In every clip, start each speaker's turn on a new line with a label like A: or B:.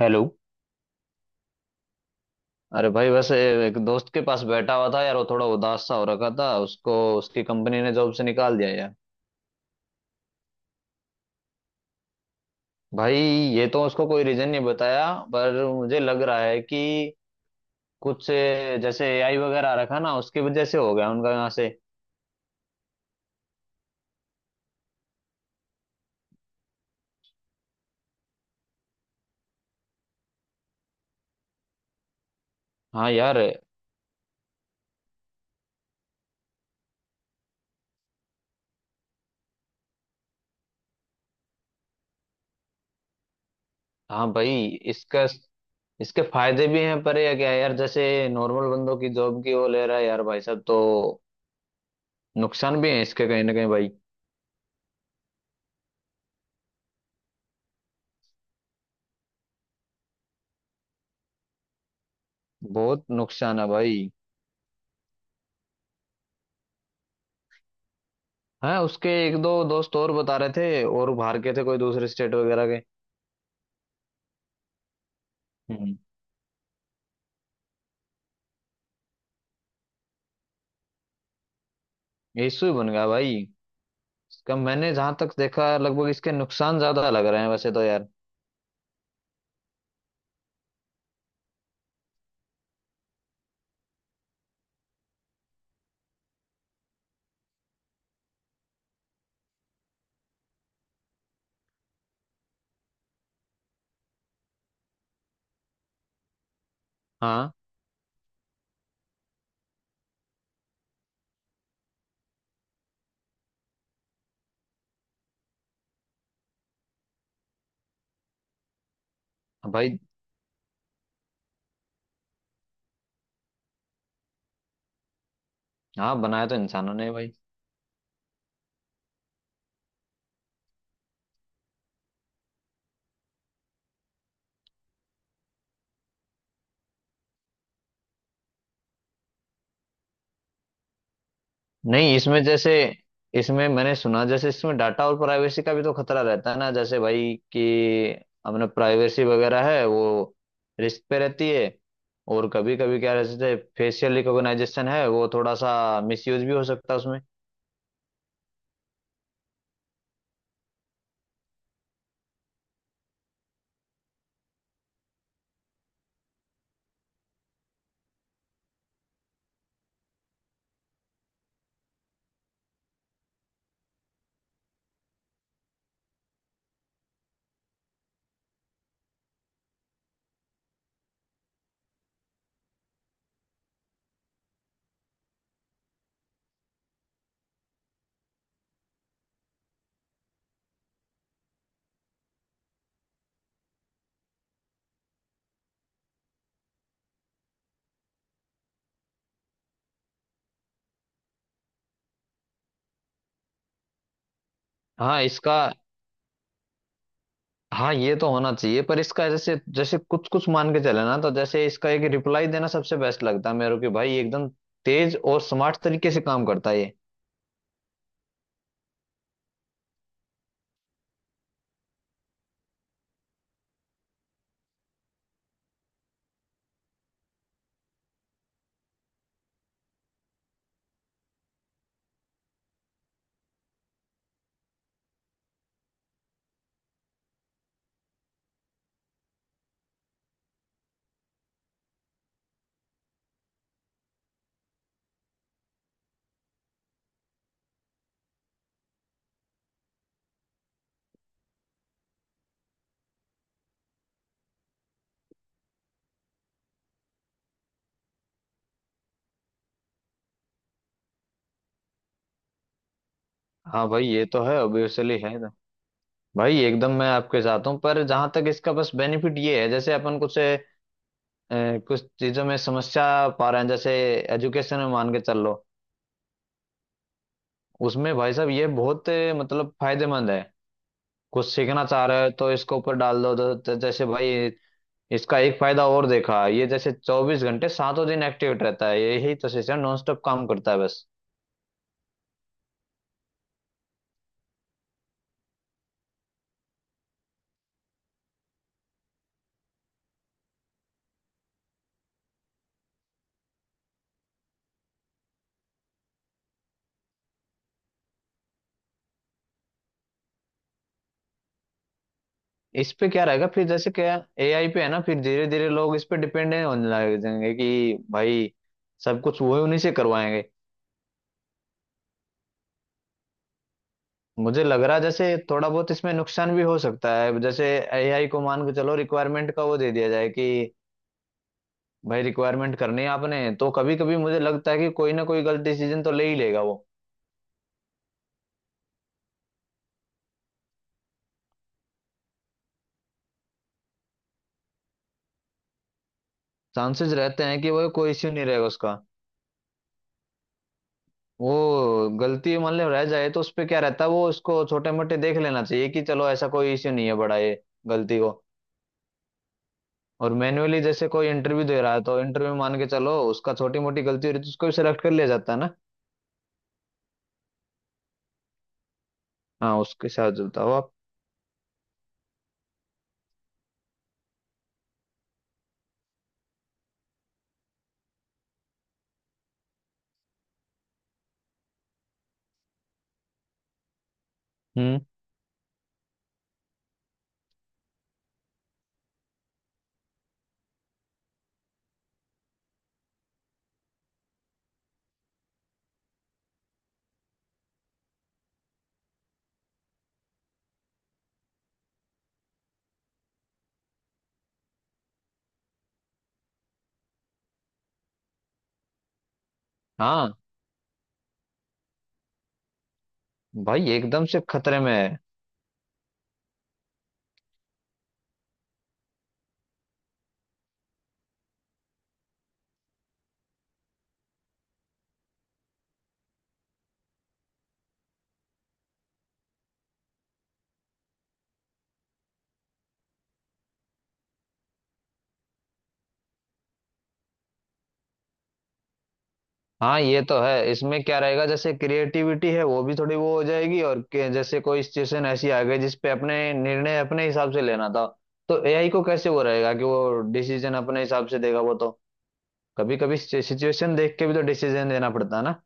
A: Hello. अरे भाई वैसे एक दोस्त के पास बैठा हुआ था यार। वो थोड़ा उदास सा हो रखा था उसको। उसकी कंपनी ने जॉब से निकाल दिया यार। भाई ये तो उसको कोई रीजन नहीं बताया, पर मुझे लग रहा है कि कुछ जैसे एआई वगैरह आ रखा ना, उसकी वजह से हो गया उनका यहाँ से। हाँ यार। हाँ भाई, इसका इसके फायदे भी हैं, पर ये क्या है यार, जैसे नॉर्मल बंदों की जॉब की वो ले रहा है यार, भाई साहब। तो नुकसान भी है इसके कहीं ना कहीं भाई। बहुत नुकसान है भाई। हाँ, उसके एक दो दोस्त और बता रहे थे, और बाहर के थे कोई दूसरे स्टेट वगैरह के। हम्म ये इशू ही बन गया भाई। इसका मैंने जहां तक देखा, लगभग इसके नुकसान ज्यादा लग रहे हैं वैसे तो यार। हाँ भाई। हाँ, बनाया तो इंसानों ने भाई। नहीं, इसमें जैसे इसमें मैंने सुना, जैसे इसमें डाटा और प्राइवेसी का भी तो खतरा रहता है ना, जैसे भाई कि अपना प्राइवेसी वगैरह है, वो रिस्क पे रहती है। और कभी कभी क्या रहता है, फेशियल रिकॉग्नाइजेशन है, वो थोड़ा सा मिसयूज भी हो सकता है उसमें। हाँ, इसका। हाँ, ये तो होना चाहिए, पर इसका जैसे जैसे कुछ कुछ मान के चले ना, तो जैसे इसका एक रिप्लाई देना सबसे बेस्ट लगता है मेरे को कि भाई एकदम तेज और स्मार्ट तरीके से काम करता है ये। हाँ भाई, ये तो है ऑब्वियसली है ना। भाई एकदम मैं आपके साथ हूँ, पर जहां तक इसका बस बेनिफिट ये है, जैसे अपन कुछ कुछ चीजों में समस्या पा रहे हैं, जैसे एजुकेशन में मान के चल लो। उसमें भाई साहब ये बहुत मतलब फायदेमंद है। कुछ सीखना चाह रहे हो तो इसके ऊपर डाल दो, तो जैसे भाई इसका एक फायदा और देखा, ये जैसे 24 घंटे सातों दिन एक्टिव रहता है। यही तो सिस्टम नॉन स्टॉप काम करता है बस। इस पे क्या रहेगा फिर, जैसे क्या एआई पे है ना, फिर धीरे धीरे लोग इस पे डिपेंडेंट होने लग जाएंगे कि भाई सब कुछ वो उन्हीं से करवाएंगे। मुझे लग रहा है जैसे थोड़ा बहुत इसमें नुकसान भी हो सकता है, जैसे एआई को मान के चलो रिक्वायरमेंट का वो दे दिया जाए कि भाई रिक्वायरमेंट करनी है आपने, तो कभी कभी मुझे लगता है कि कोई ना कोई गलत डिसीजन तो ले ही लेगा वो। चांसेस रहते हैं कि वो कोई इश्यू नहीं रहेगा उसका। वो गलती मान लो रह जाए, तो उस पे क्या रहता है, वो उसको छोटे मोटे देख लेना चाहिए कि चलो ऐसा कोई इश्यू नहीं है बड़ा ये गलती को। और मैन्युअली जैसे कोई इंटरव्यू दे रहा है, तो इंटरव्यू मान के चलो उसका छोटी मोटी गलती हो रही है, तो उसको भी सिलेक्ट कर लिया जाता है ना। हाँ, उसके साथ जुड़ता हो आप। हम्म। हाँ भाई एकदम से खतरे में है। हाँ ये तो है, इसमें क्या रहेगा, जैसे क्रिएटिविटी है वो भी थोड़ी वो हो जाएगी और जैसे कोई सिचुएशन ऐसी आ गई जिसपे अपने निर्णय अपने हिसाब से लेना था, तो एआई को कैसे वो रहेगा कि वो डिसीजन अपने हिसाब से देगा वो तो, कभी कभी सिचुएशन देख के भी तो डिसीजन देना पड़ता है ना।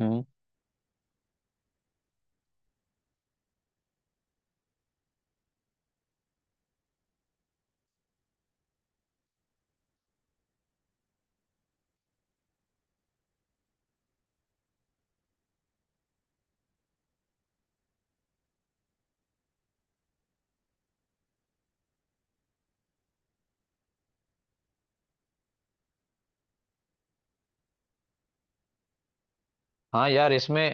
A: हम्म। हाँ यार, इसमें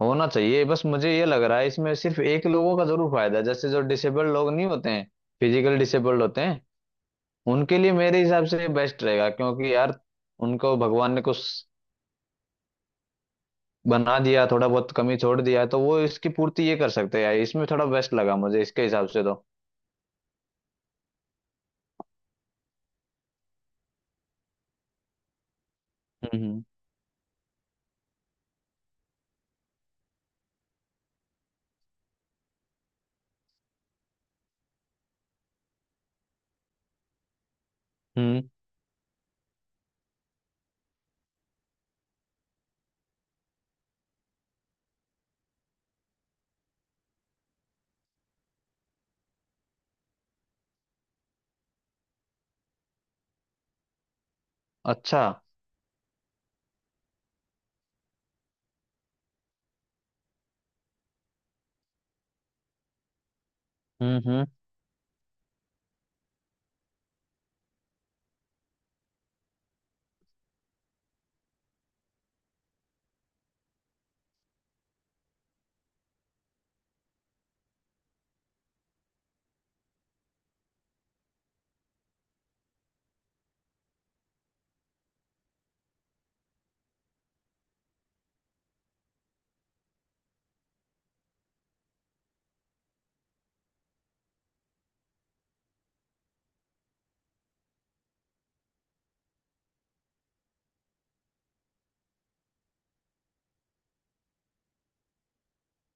A: होना चाहिए, बस मुझे ये लग रहा है इसमें सिर्फ एक लोगों का जरूर फायदा है, जैसे जो डिसेबल्ड लोग नहीं होते हैं, फिजिकल डिसेबल्ड होते हैं, उनके लिए मेरे हिसाब से बेस्ट रहेगा क्योंकि यार उनको भगवान ने कुछ बना दिया, थोड़ा बहुत कमी छोड़ दिया है, तो वो इसकी पूर्ति ये कर सकते हैं यार, इसमें थोड़ा बेस्ट लगा मुझे इसके हिसाब से तो। हम्म। हम्म। अच्छा। हम्म।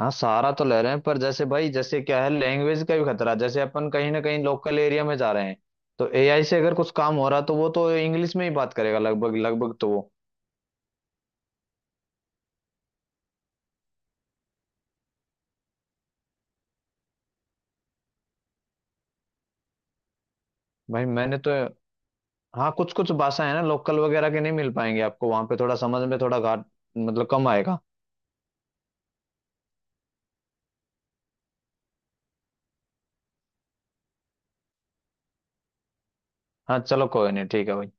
A: हाँ, सहारा तो ले रहे हैं, पर जैसे भाई जैसे क्या है, लैंग्वेज का भी खतरा है। जैसे अपन कहीं ना कहीं लोकल एरिया में जा रहे हैं, तो एआई से अगर कुछ काम हो रहा तो वो तो इंग्लिश में ही बात करेगा लगभग लगभग तो वो। भाई मैंने तो। हाँ, कुछ कुछ भाषा है ना लोकल वगैरह के, नहीं मिल पाएंगे आपको, वहां पे थोड़ा समझ में थोड़ा घाट मतलब कम आएगा। हाँ चलो, कोई नहीं, ठीक है भाई।